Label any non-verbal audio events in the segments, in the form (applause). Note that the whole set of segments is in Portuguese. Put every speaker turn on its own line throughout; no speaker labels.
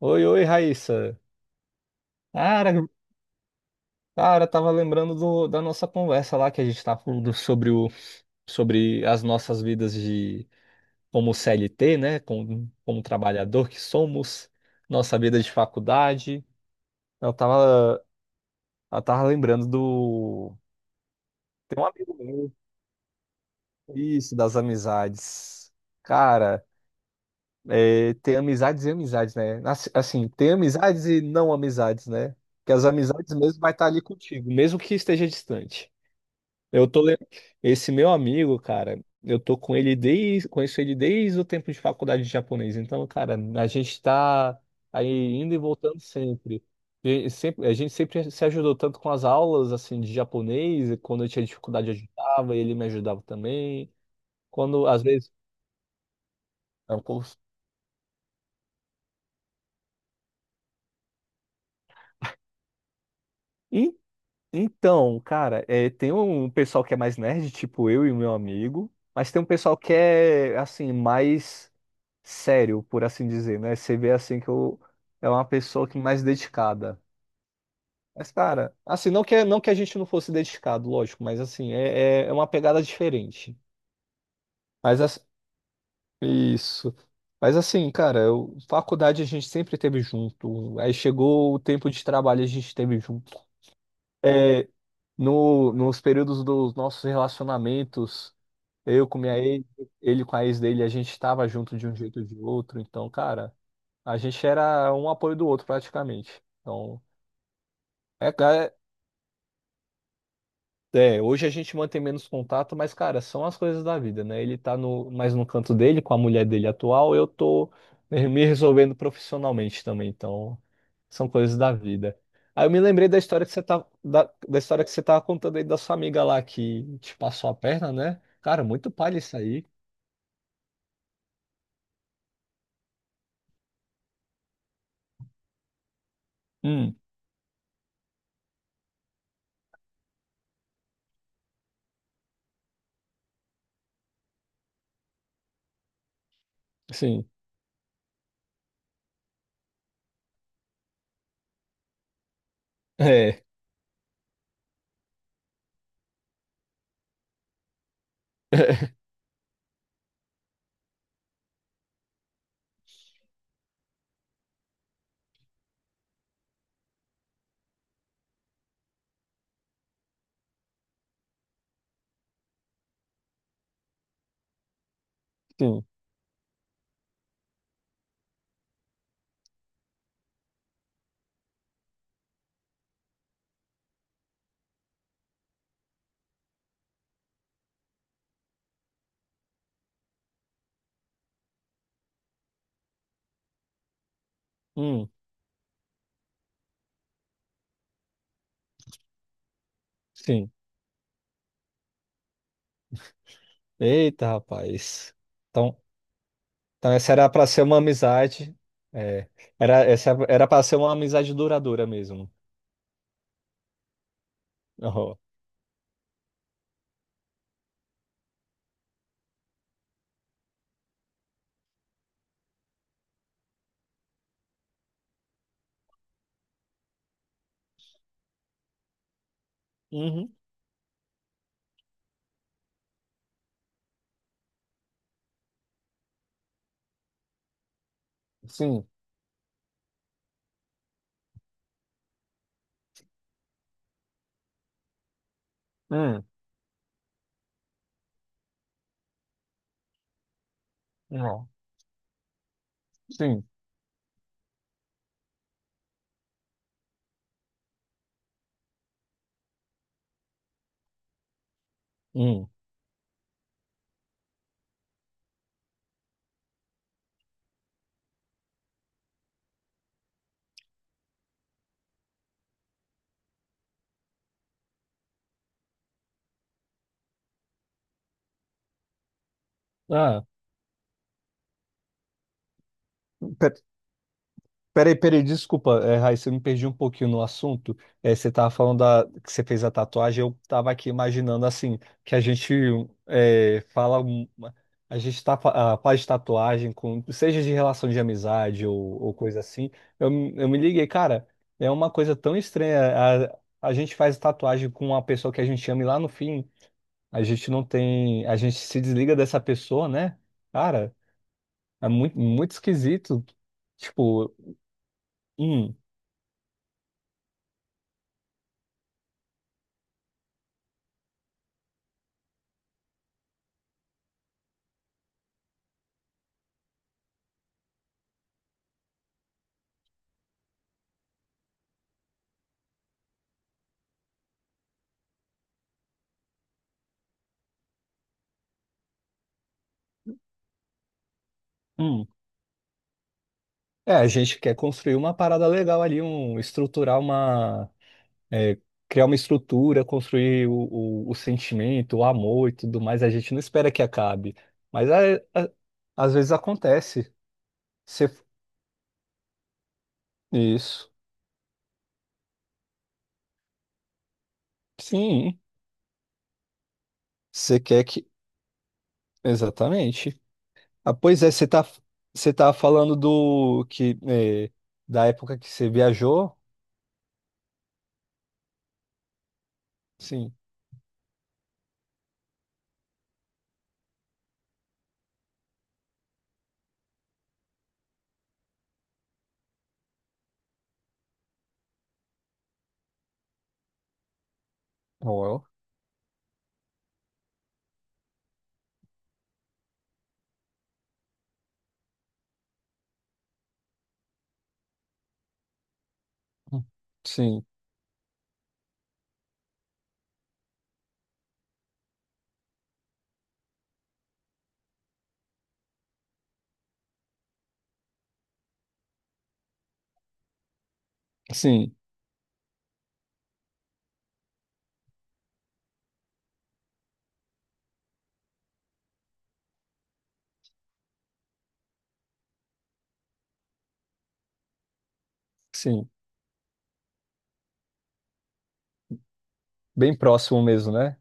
Oi, oi, Raíssa. Cara, cara, tava lembrando da nossa conversa lá que a gente tava falando sobre as nossas vidas de como CLT, né? Como trabalhador que somos, nossa vida de faculdade. Eu tava, eu tava lembrando do. Tem um amigo meu, isso, das amizades. Cara, tem amizades e amizades, né? Assim, tem amizades e não amizades, né? Que as amizades mesmo vai estar ali contigo, mesmo que esteja distante. Eu tô le- Esse meu amigo, cara, eu tô com ele conheço ele desde o tempo de faculdade de japonês. Então, cara, a gente tá aí indo e voltando sempre. A gente sempre se ajudou tanto com as aulas assim de japonês, e quando eu tinha dificuldade eu ajudava, ele me ajudava também. Quando às vezes é um curso. E- Então, cara, tem um pessoal que é mais nerd, tipo eu e o meu amigo, mas tem um pessoal que é assim, mais sério, por assim dizer, né? Você vê assim que eu é uma pessoa que mais dedicada. Mas, cara, assim, não que a gente não fosse dedicado, lógico, mas assim, é uma pegada diferente. Mas as- isso. Mas assim, cara, faculdade a gente sempre teve junto. Aí chegou o tempo de trabalho, a gente teve junto. É, no, nos períodos dos nossos relacionamentos. Eu com minha ex, ele com a ex dele, a gente estava junto de um jeito ou de outro. Então, cara, a gente era um apoio do outro praticamente. Então, é, ca- hoje a gente mantém menos contato, mas, cara, são as coisas da vida, né? Ele tá mais no canto dele, com a mulher dele atual, eu tô me resolvendo profissionalmente também. Então, são coisas da vida. Aí eu me lembrei da história que da história que você tava contando aí da sua amiga lá que te passou a perna, né? Cara, muito palha isso aí. Hum, sim. (laughs) É. (laughs) Sim, hum, sim. Eita, rapaz. Então, então essa era para ser uma amizade. É, era para ser uma amizade duradoura mesmo. Ó. Uhum. Sim. Hum. Ó. Sim. Hum. Ah, peraí, desculpa, Raíssa, eu me perdi um pouquinho no assunto. É, você estava falando que você fez a tatuagem, eu estava aqui imaginando assim, que a gente é, fala, uma- a gente tá, fa- ah, faz tatuagem, com, seja de relação de amizade ou coisa assim. Eu me liguei, cara, é uma coisa tão estranha. A gente faz tatuagem com uma pessoa que a gente ama e lá no fim a gente não tem, a gente se desliga dessa pessoa, né? Cara, é muito, muito esquisito. Tipo, hum. Hum. É, a gente quer construir uma parada legal ali, estruturar é, criar uma estrutura, construir o sentimento, o amor e tudo mais. A gente não espera que acabe, mas às vezes acontece. Você- isso, sim, você quer que, exatamente. Ah, pois é, você tá falando da época que você viajou? Sim, Ó, sim, sim, sim, bem próximo mesmo, né?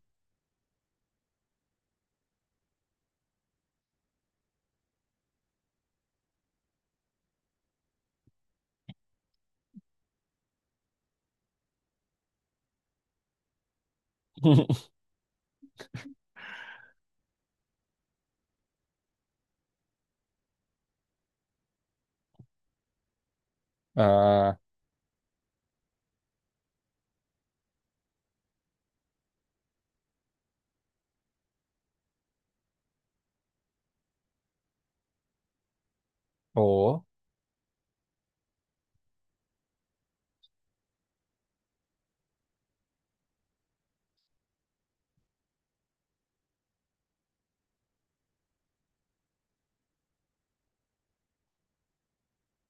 (laughs) Ah. Ó.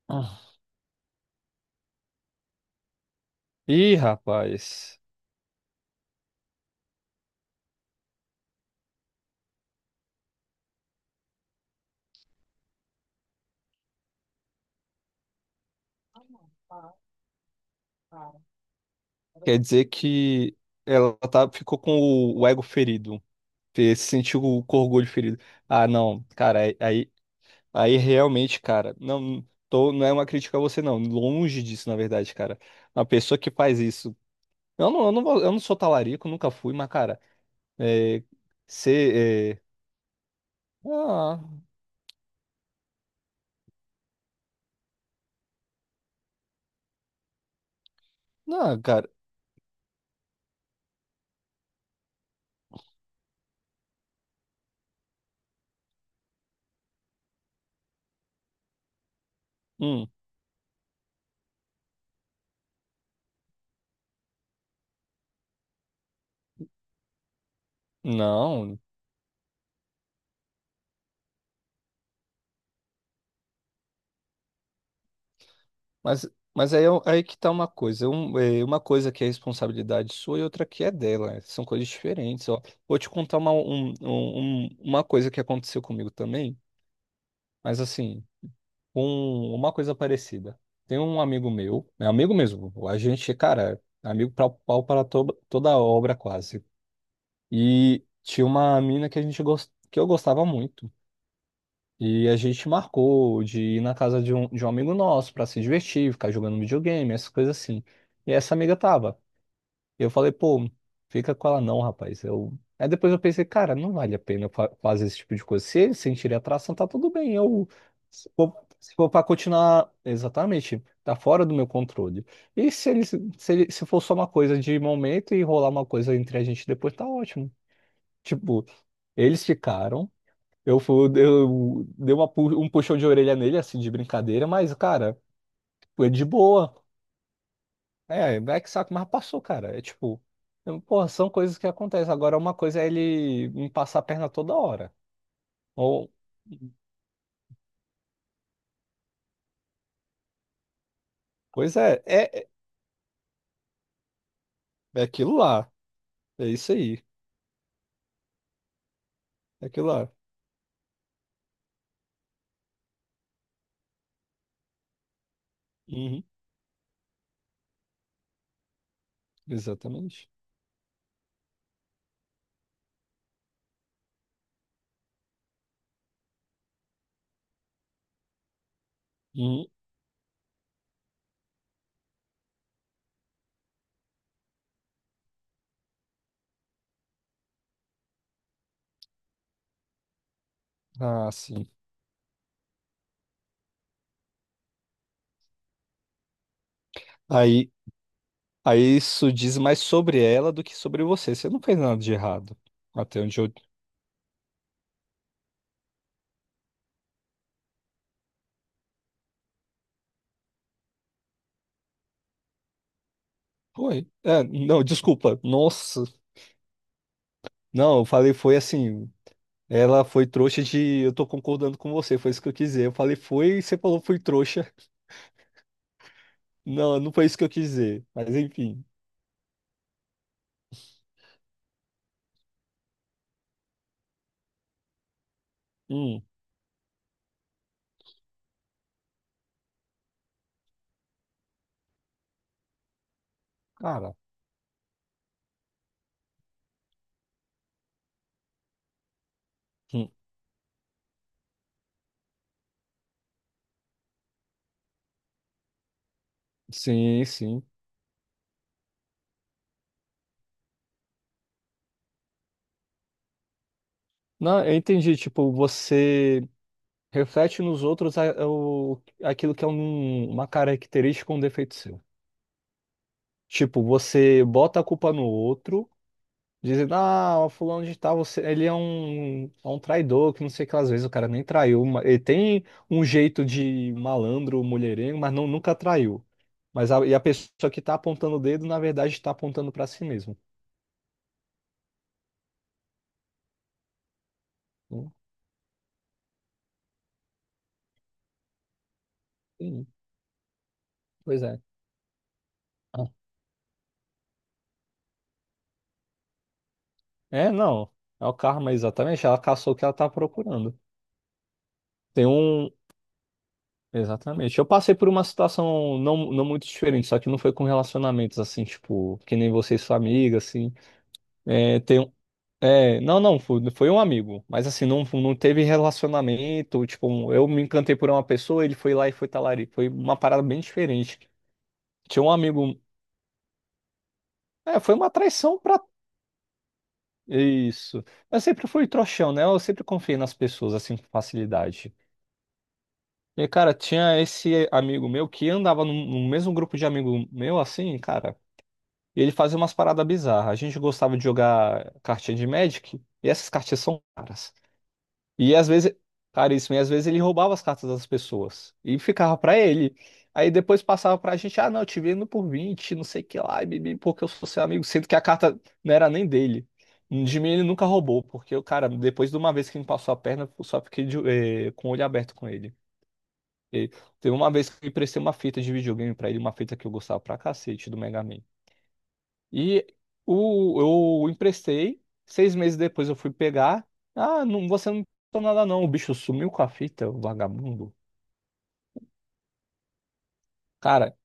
Ah. Ih, rapaz. Quer dizer que ficou com o ego ferido. Se sentiu com o orgulho ferido. Ah, não, cara, aí realmente, cara, não, não é uma crítica a você, não. Longe disso, na verdade, cara. Uma pessoa que faz isso. Eu não sou talarico, nunca fui, mas, cara, é, ser. Ah, não, cara. Hum, não. Mas, mas aí, aí que tá uma coisa. Uma coisa que é responsabilidade sua e outra que é dela. Né? São coisas diferentes, ó. Vou te contar uma, um- um- um- uma coisa que aconteceu comigo também, mas assim, uma coisa parecida. Tem um amigo meu, é amigo mesmo, a gente, cara, é amigo pau para toda a obra quase. E tinha uma mina que que eu gostava muito. E a gente marcou de ir na casa de um amigo nosso pra se divertir, ficar jogando videogame, essas coisas assim. E essa amiga tava. Eu falei, pô, fica com ela não, rapaz. Eu... Aí depois eu pensei, cara, não vale a pena eu fazer esse tipo de coisa. Se eles sentirem atração, tá tudo bem. Eu, se for, se for pra continuar, exatamente, tá fora do meu controle. E se eles, se, ele- se for só uma coisa de momento e rolar uma coisa entre a gente depois, tá ótimo. Tipo, eles ficaram. Eu dei um puxão de orelha nele, assim, de brincadeira, mas, cara, foi de boa. É, é que saco, mas passou, cara. É tipo, porra, são coisas que acontecem. Agora, uma coisa é ele me passar a perna toda hora. Ou, pois é, aquilo lá. É isso aí. É aquilo lá. Uhum, exatamente. Uhum. Ah, sim. Aí, aí isso diz mais sobre ela do que sobre você. Você não fez nada de errado. Até onde eu. Foi. É, não, desculpa. Nossa. Não, eu falei, foi assim. Ela foi trouxa de. Eu tô concordando com você, foi isso que eu quis dizer. Eu falei, foi, e você falou, foi trouxa. (laughs) Não, não foi isso que eu quis dizer. Mas enfim. Hum, cara. Hum, sim, sim. Não, eu entendi. Tipo, você reflete nos outros aquilo que é uma característica ou um defeito seu. Tipo, você bota a culpa no outro. Dizendo, ah, o fulano de tal, ele é um traidor, que não sei o que, às vezes o cara nem traiu. Ele tem um jeito de malandro, mulherengo, mas não, nunca traiu. E a pessoa que tá apontando o dedo, na verdade, está apontando para si mesmo. Hum, sim, Pois é. Ah. É, não. É o karma, exatamente. Ela caçou o que ela tá procurando. Tem um. Exatamente. Eu passei por uma situação não muito diferente, só que não foi com relacionamentos assim, tipo, que nem você e sua amiga, assim. É, tem É, não, não, foi um amigo, mas assim, não, não teve relacionamento, tipo, eu me encantei por uma pessoa, ele foi lá e foi talarico, foi uma parada bem diferente. Tinha um amigo, foi uma traição pra isso. Eu sempre fui trouxão, né? Eu sempre confiei nas pessoas, assim, com facilidade. E, cara, tinha esse amigo meu que andava no mesmo grupo de amigo meu, assim, cara, e ele fazia umas paradas bizarras. A gente gostava de jogar cartinha de Magic, e essas cartinhas são caras. E às vezes, caríssimo, e às vezes ele roubava as cartas das pessoas e ficava pra ele. Aí depois passava pra gente, ah, não, eu te vendo por 20 não sei o que lá, e bibi, porque eu sou seu amigo, sendo que a carta não era nem dele. De mim ele nunca roubou, porque o cara, depois de uma vez que me passou a perna, eu só fiquei com o olho aberto com ele. E teve uma vez que eu emprestei uma fita de videogame pra ele, uma fita que eu gostava pra cacete do Mega Man. E eu emprestei, 6 meses depois eu fui pegar. Ah, não, você não emprestou nada não, o bicho sumiu com a fita, o vagabundo. Cara,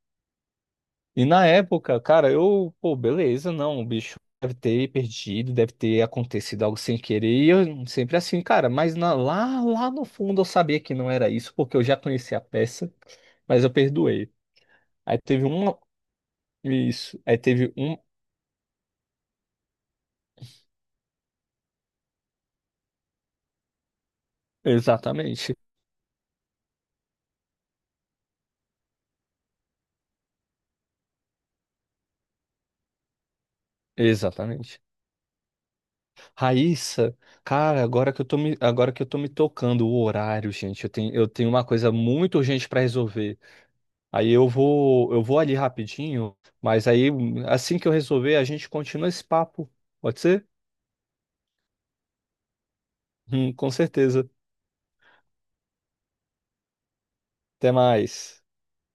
e na época, cara, pô, beleza, não, o bicho deve ter perdido, deve ter acontecido algo sem querer. E eu sempre assim, cara, mas lá no fundo eu sabia que não era isso, porque eu já conhecia a peça, mas eu perdoei. Aí teve um, isso, aí teve um, exatamente, exatamente. Raíssa, cara, agora que eu tô me, agora que eu tô me tocando o horário, gente, eu tenho uma coisa muito urgente pra resolver. Aí eu vou ali rapidinho, mas aí assim que eu resolver, a gente continua esse papo. Pode ser? Com certeza. Até mais.